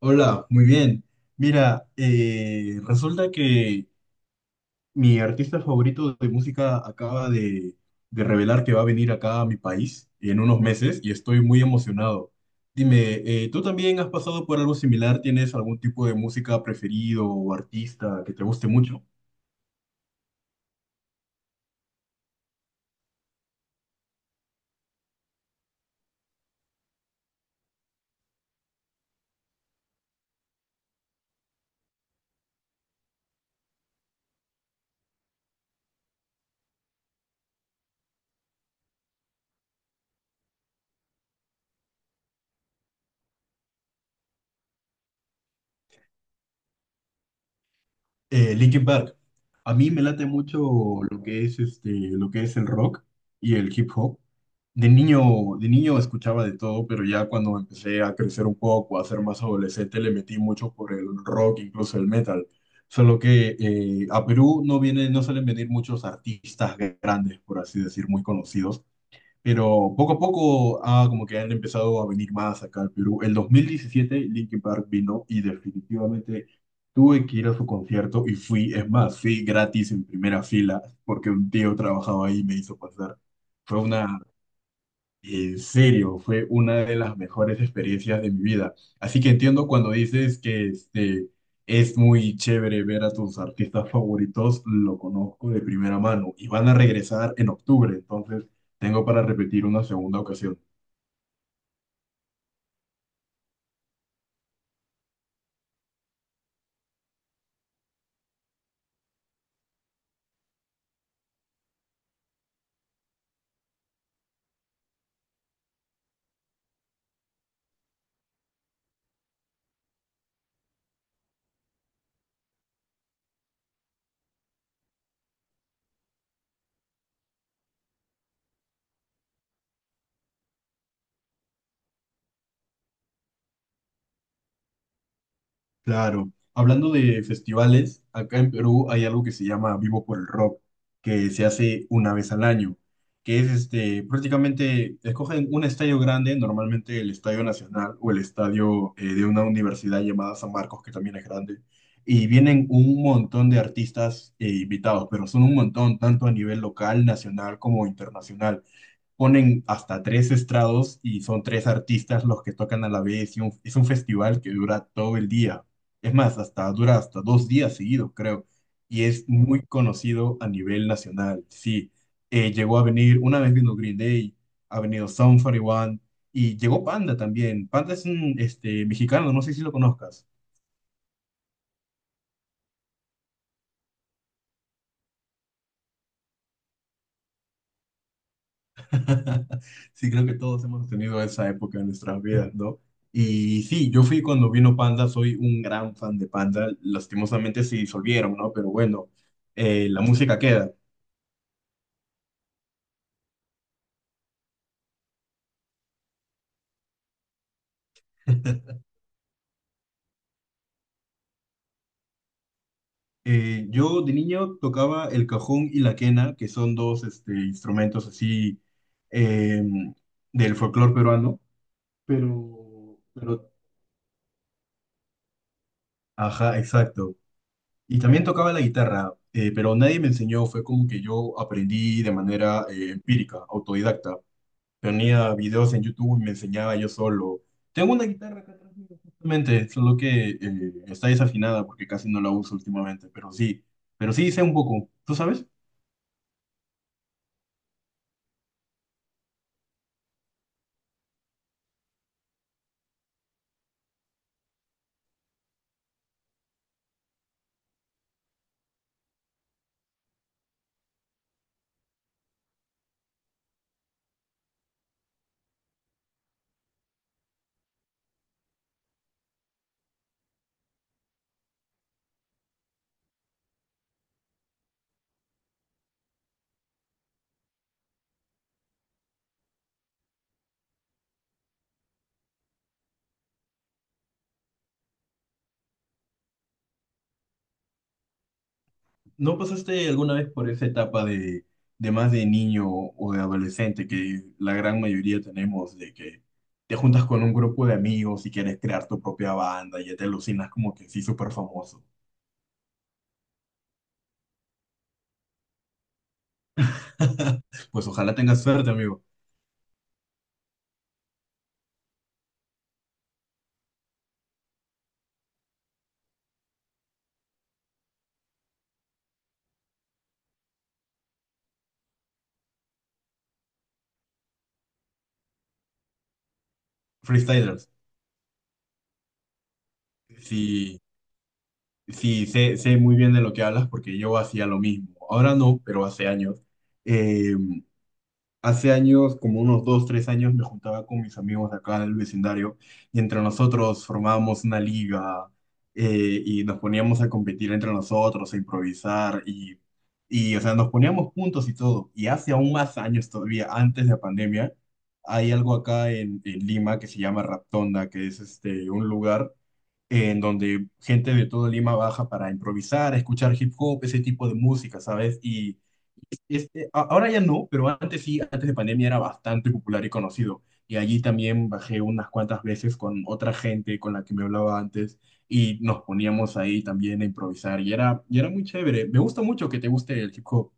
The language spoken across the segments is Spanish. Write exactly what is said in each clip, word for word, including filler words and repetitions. Hola, muy bien. Mira, eh, resulta que mi artista favorito de música acaba de, de revelar que va a venir acá a mi país en unos meses y estoy muy emocionado. Dime, eh, ¿tú también has pasado por algo similar? ¿Tienes algún tipo de música preferido o artista que te guste mucho? Eh, Linkin Park. A mí me late mucho lo que es este, lo que es el rock y el hip hop. De niño, de niño escuchaba de todo, pero ya cuando empecé a crecer un poco, a ser más adolescente, le metí mucho por el rock, incluso el metal. Solo que eh, a Perú no viene, no suelen venir muchos artistas grandes, por así decir, muy conocidos. Pero poco a poco ah, como que han empezado a venir más acá al Perú. El dos mil diecisiete Linkin Park vino y definitivamente tuve que ir a su concierto y fui, es más, fui gratis en primera fila porque un tío trabajaba ahí y me hizo pasar. Fue una en serio, fue una de las mejores experiencias de mi vida. Así que entiendo cuando dices que este, es muy chévere ver a tus artistas favoritos, lo conozco de primera mano y van a regresar en octubre, entonces tengo para repetir una segunda ocasión. Claro. Hablando de festivales, acá en Perú hay algo que se llama Vivo por el Rock, que se hace una vez al año, que es este, prácticamente, escogen un estadio grande, normalmente el Estadio Nacional o el estadio eh, de una universidad llamada San Marcos, que también es grande, y vienen un montón de artistas eh, invitados, pero son un montón, tanto a nivel local, nacional como internacional. Ponen hasta tres estrados y son tres artistas los que tocan a la vez y un- es un festival que dura todo el día. Es más, hasta dura hasta dos días seguidos, creo. Y es muy conocido a nivel nacional. Sí. Eh, llegó a venir, una vez vino Green Day, ha venido Sum forty One y llegó Panda también. Panda es un este, mexicano, no sé si lo conozcas. Sí, creo que todos hemos tenido esa época en nuestras vidas, ¿no? Y sí, yo fui cuando vino Panda, soy un gran fan de Panda, lastimosamente se disolvieron, ¿no? Pero bueno, eh, la música queda. Eh, yo de niño tocaba el cajón y la quena, que son dos este, instrumentos así eh, del folclore peruano, pero, pero, ajá, exacto. Y también tocaba la guitarra, eh, pero nadie me enseñó, fue como que yo aprendí de manera eh, empírica, autodidacta. Ponía videos en YouTube y me enseñaba yo solo. Tengo una guitarra acá atrás mío, justamente, solo que eh, está desafinada porque casi no la uso últimamente, pero sí, pero sí sé un poco. ¿Tú sabes? ¿No pasaste alguna vez por esa etapa de, de más de niño o de adolescente que la gran mayoría tenemos de que te juntas con un grupo de amigos y quieres crear tu propia banda y ya te alucinas como que sí, súper famoso? Pues ojalá tengas suerte, amigo. Freestylers. Sí. Sí. Sé, sé muy bien de lo que hablas porque yo hacía lo mismo. Ahora no, pero hace años. Eh, Hace años, como unos dos, tres años, me juntaba con mis amigos de acá del vecindario y entre nosotros formábamos una liga eh, y nos poníamos a competir entre nosotros, a improvisar y, y, o sea, nos poníamos puntos y todo. Y hace aún más años todavía, antes de la pandemia, hay algo acá en, en Lima que se llama Raptonda, que es este, un lugar en donde gente de todo Lima baja para improvisar, escuchar hip hop, ese tipo de música, ¿sabes? Y este, a- ahora ya no, pero antes sí, antes de pandemia era bastante popular y conocido. Y allí también bajé unas cuantas veces con otra gente con la que me hablaba antes y nos poníamos ahí también a improvisar y era, y era muy chévere. Me gusta mucho que te guste el hip hop.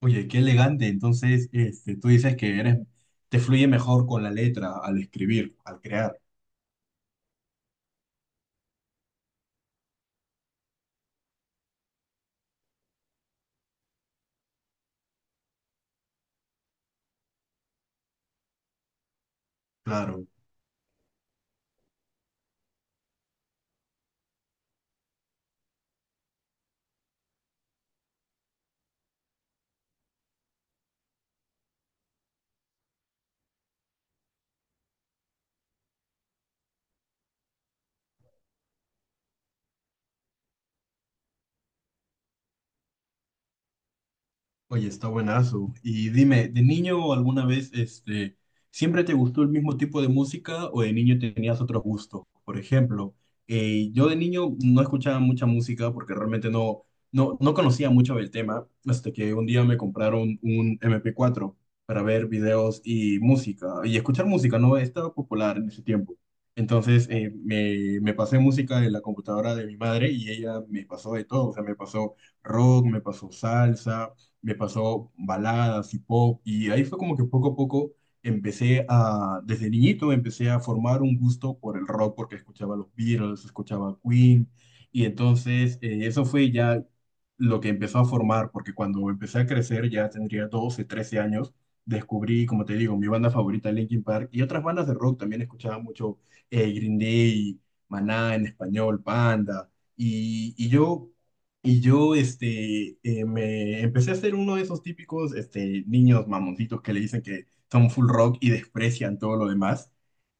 Oye, qué elegante. Entonces, este, tú dices que eres, te fluye mejor con la letra al escribir, al crear. Claro. Oye, está buenazo. Y dime, ¿de niño alguna vez, este, siempre te gustó el mismo tipo de música o de niño tenías otros gustos? Por ejemplo, eh, yo de niño no escuchaba mucha música porque realmente no, no, no conocía mucho del tema, hasta que un día me compraron un m p cuatro para ver videos y música, y escuchar música, ¿no? Estaba popular en ese tiempo. Entonces, eh, me, me pasé música en la computadora de mi madre y ella me pasó de todo, o sea, me pasó rock, me pasó salsa, me pasó baladas y pop, y ahí fue como que poco a poco empecé a, desde niñito empecé a formar un gusto por el rock, porque escuchaba los Beatles, escuchaba Queen, y entonces eh, eso fue ya lo que empezó a formar, porque cuando empecé a crecer, ya tendría doce trece años, descubrí, como te digo, mi banda favorita, Linkin Park, y otras bandas de rock también escuchaba mucho eh, Green Day, Maná en español, Panda. Y, y yo y yo este, eh, me empecé a ser uno de esos típicos este, niños mamoncitos que le dicen que son full rock y desprecian todo lo demás.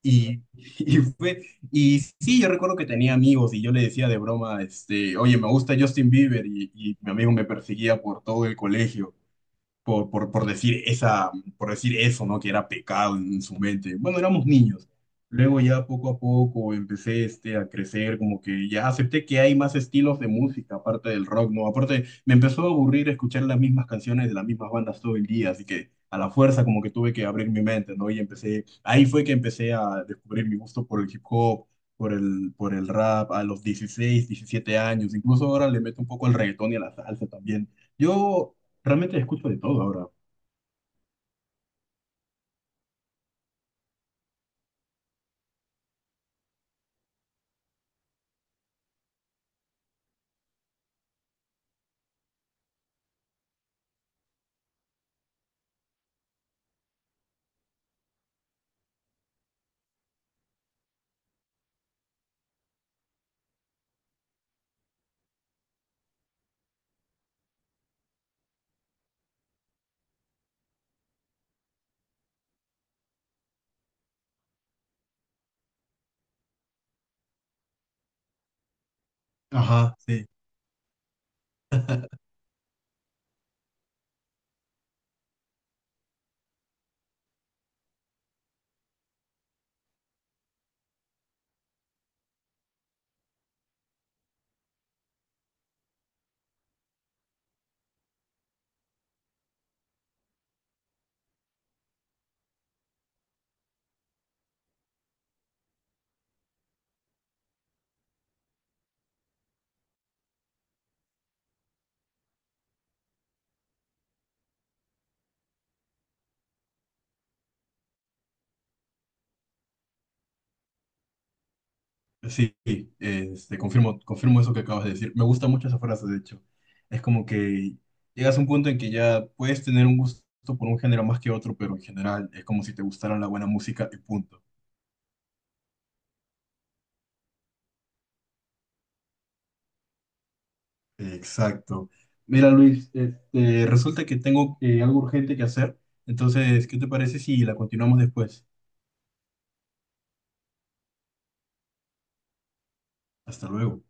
Y, y, fue, y sí, yo recuerdo que tenía amigos y yo le decía de broma, este, oye, me gusta Justin Bieber y, y mi amigo me perseguía por todo el colegio por, por, por decir esa, por decir eso, ¿no? Que era pecado en su mente. Bueno, éramos niños. Luego ya poco a poco empecé este, a crecer, como que ya acepté que hay más estilos de música aparte del rock, ¿no? Aparte, me empezó a aburrir escuchar las mismas canciones de las mismas bandas todo el día, así que a la fuerza como que tuve que abrir mi mente, ¿no? Y empecé, ahí fue que empecé a descubrir mi gusto por el hip hop, por el, por el rap, a los dieciséis diecisiete años, incluso ahora le meto un poco al reggaetón y a la salsa también. Yo Realmente escucho de todo ahora. Ajá, sí, sí, sí, este, confirmo, confirmo eso que acabas de decir. Me gusta mucho esa frase, de hecho. Es como que llegas a un punto en que ya puedes tener un gusto por un género más que otro, pero en general es como si te gustara la buena música y punto. Exacto. Mira, Luis, este, resulta que tengo eh, algo urgente que hacer, entonces, ¿qué te parece si la continuamos después? Hasta luego.